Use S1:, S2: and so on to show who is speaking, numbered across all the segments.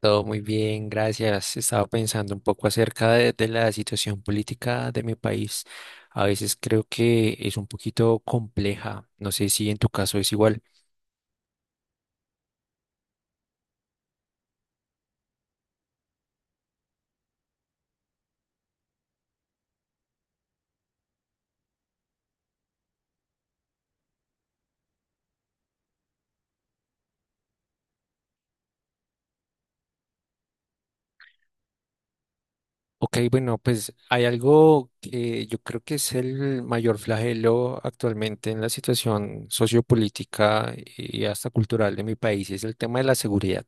S1: Todo muy bien, gracias. Estaba pensando un poco acerca de la situación política de mi país. A veces creo que es un poquito compleja. No sé si en tu caso es igual. Ok, bueno, pues hay algo que yo creo que es el mayor flagelo actualmente en la situación sociopolítica y hasta cultural de mi país, y es el tema de la seguridad.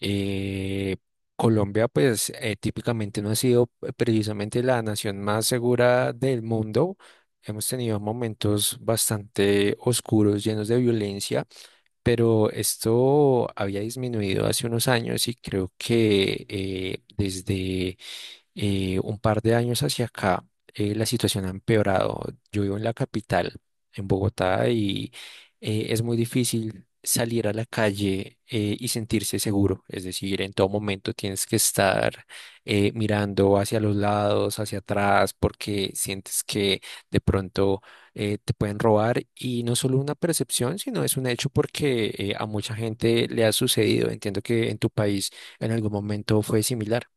S1: Eh, Colombia, pues típicamente no ha sido precisamente la nación más segura del mundo. Hemos tenido momentos bastante oscuros, llenos de violencia, pero esto había disminuido hace unos años y creo que desde un par de años hacia acá, la situación ha empeorado. Yo vivo en la capital, en Bogotá, y es muy difícil salir a la calle y sentirse seguro. Es decir, en todo momento tienes que estar mirando hacia los lados, hacia atrás, porque sientes que de pronto te pueden robar. Y no solo una percepción, sino es un hecho porque a mucha gente le ha sucedido. Entiendo que en tu país en algún momento fue similar.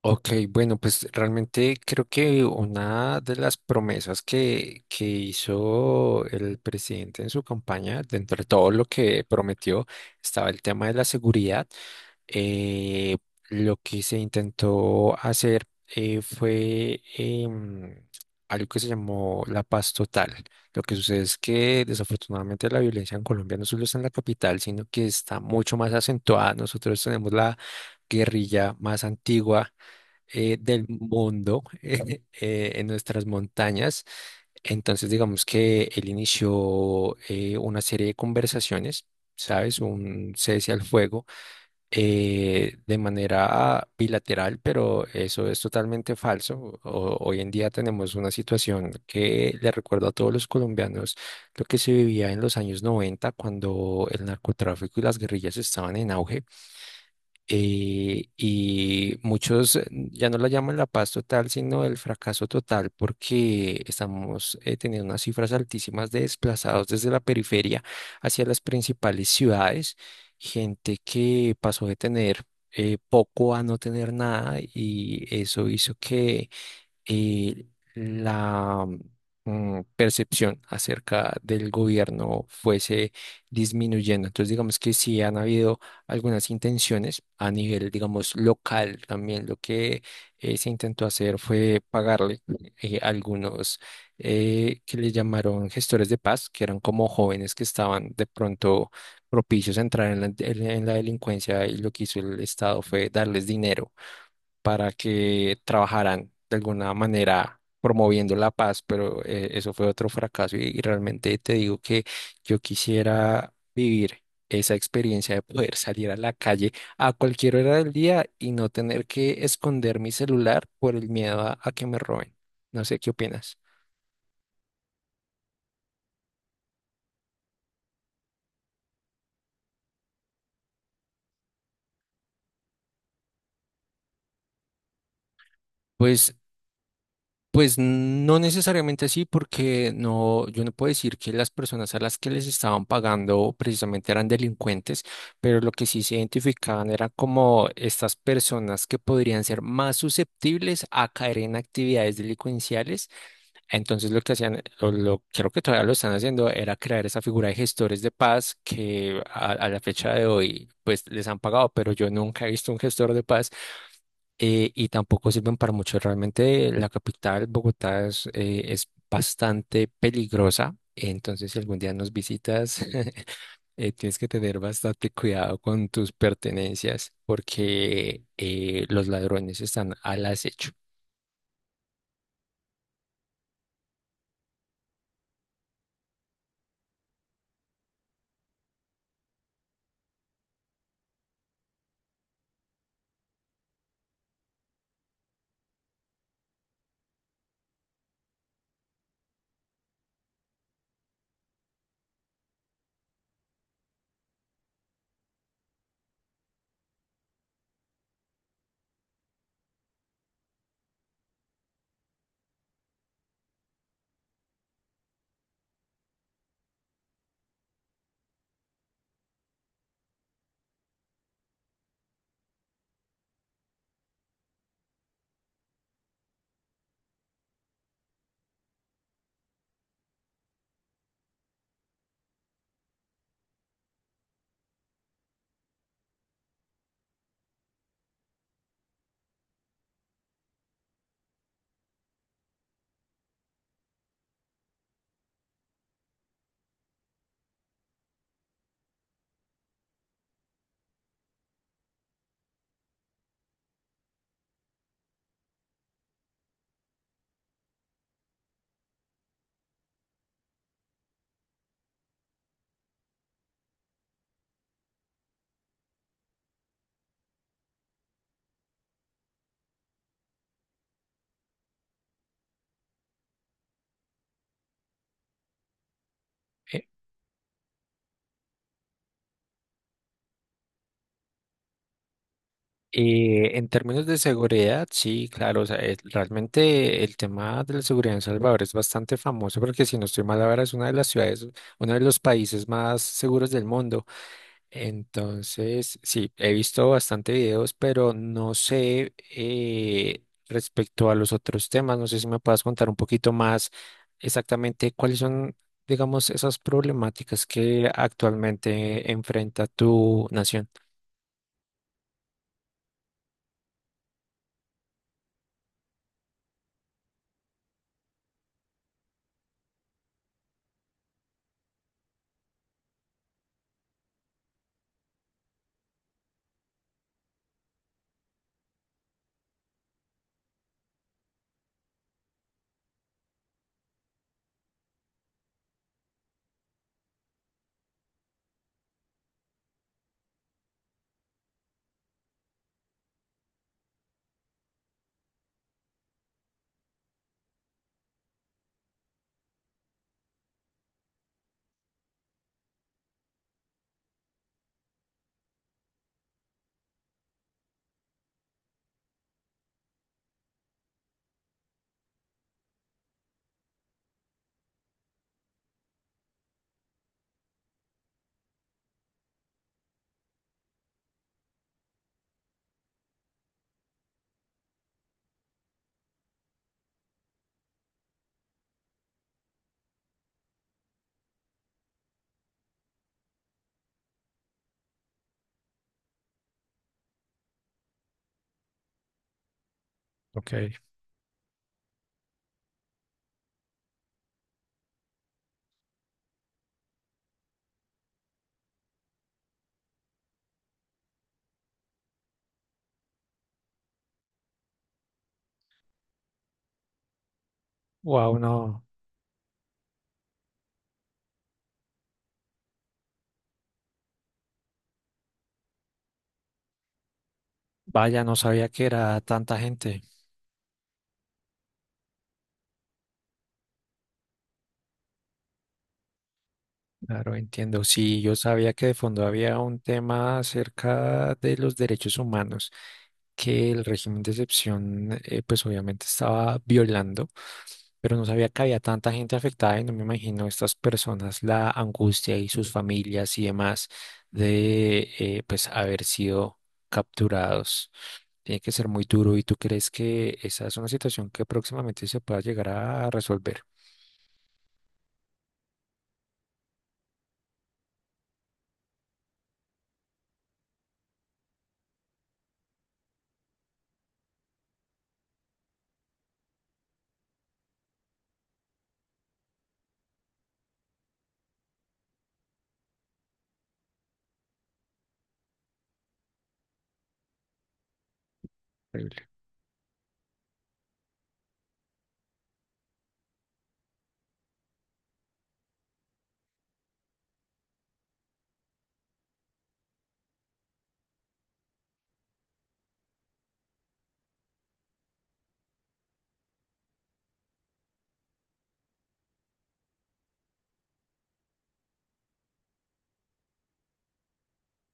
S1: Ok, bueno, pues realmente creo que una de las promesas que hizo el presidente en su campaña, dentro de todo lo que prometió, estaba el tema de la seguridad. Eh, lo que se intentó hacer fue algo que se llamó la paz total. Lo que sucede es que desafortunadamente la violencia en Colombia no solo está en la capital, sino que está mucho más acentuada. Nosotros tenemos la guerrilla más antigua del mundo en nuestras montañas. Entonces, digamos que él inició una serie de conversaciones, ¿sabes? Un cese al fuego de manera bilateral, pero eso es totalmente falso. Hoy en día tenemos una situación que le recuerdo a todos los colombianos lo que se vivía en los años 90 cuando el narcotráfico y las guerrillas estaban en auge y muchos ya no la llaman la paz total, sino el fracaso total, porque estamos teniendo unas cifras altísimas de desplazados desde la periferia hacia las principales ciudades, gente que pasó de tener poco a no tener nada y eso hizo que eh, la percepción acerca del gobierno fuese disminuyendo. Entonces, digamos que sí han habido algunas intenciones a nivel, digamos, local también. Lo que se intentó hacer fue pagarle algunos que le llamaron gestores de paz, que eran como jóvenes que estaban de pronto propicios a entrar en la delincuencia y lo que hizo el Estado fue darles dinero para que trabajaran de alguna manera promoviendo la paz, pero eso fue otro fracaso y realmente te digo que yo quisiera vivir esa experiencia de poder salir a la calle a cualquier hora del día y no tener que esconder mi celular por el miedo a que me roben. No sé qué opinas. Pues. Pues no necesariamente así, porque no, yo no puedo decir que las personas a las que les estaban pagando precisamente eran delincuentes, pero lo que sí se identificaban eran como estas personas que podrían ser más susceptibles a caer en actividades delincuenciales. Entonces lo que hacían, o lo creo que todavía lo están haciendo, era crear esa figura de gestores de paz que a la fecha de hoy pues les han pagado, pero yo nunca he visto un gestor de paz y tampoco sirven para mucho. Realmente la capital, Bogotá, es bastante peligrosa. Entonces, si algún día nos visitas, tienes que tener bastante cuidado con tus pertenencias porque los ladrones están al acecho. En términos de seguridad, sí, claro, o sea, realmente el tema de la seguridad en Salvador es bastante famoso porque si no estoy mal ahora es una de las ciudades, uno de los países más seguros del mundo. Entonces, sí, he visto bastante videos, pero no sé respecto a los otros temas, no sé si me puedas contar un poquito más exactamente cuáles son, digamos, esas problemáticas que actualmente enfrenta tu nación. Ok. Wow, no. Vaya, no sabía que era tanta gente. Claro, entiendo. Sí, yo sabía que de fondo había un tema acerca de los derechos humanos que el régimen de excepción, pues obviamente estaba violando, pero no sabía que había tanta gente afectada y no me imagino estas personas, la angustia y sus familias y demás de, pues, haber sido capturados. Tiene que ser muy duro. ¿Y tú crees que esa es una situación que próximamente se pueda llegar a resolver?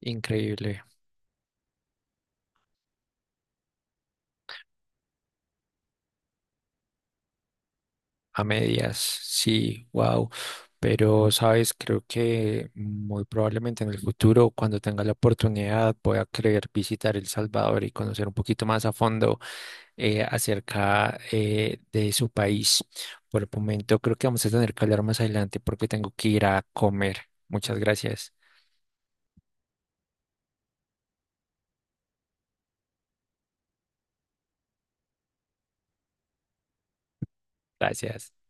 S1: Increíble. A medias, sí, wow. Pero, sabes, creo que muy probablemente en el futuro, cuando tenga la oportunidad, voy a querer visitar El Salvador y conocer un poquito más a fondo acerca de su país. Por el momento, creo que vamos a tener que hablar más adelante porque tengo que ir a comer. Muchas gracias. Gracias.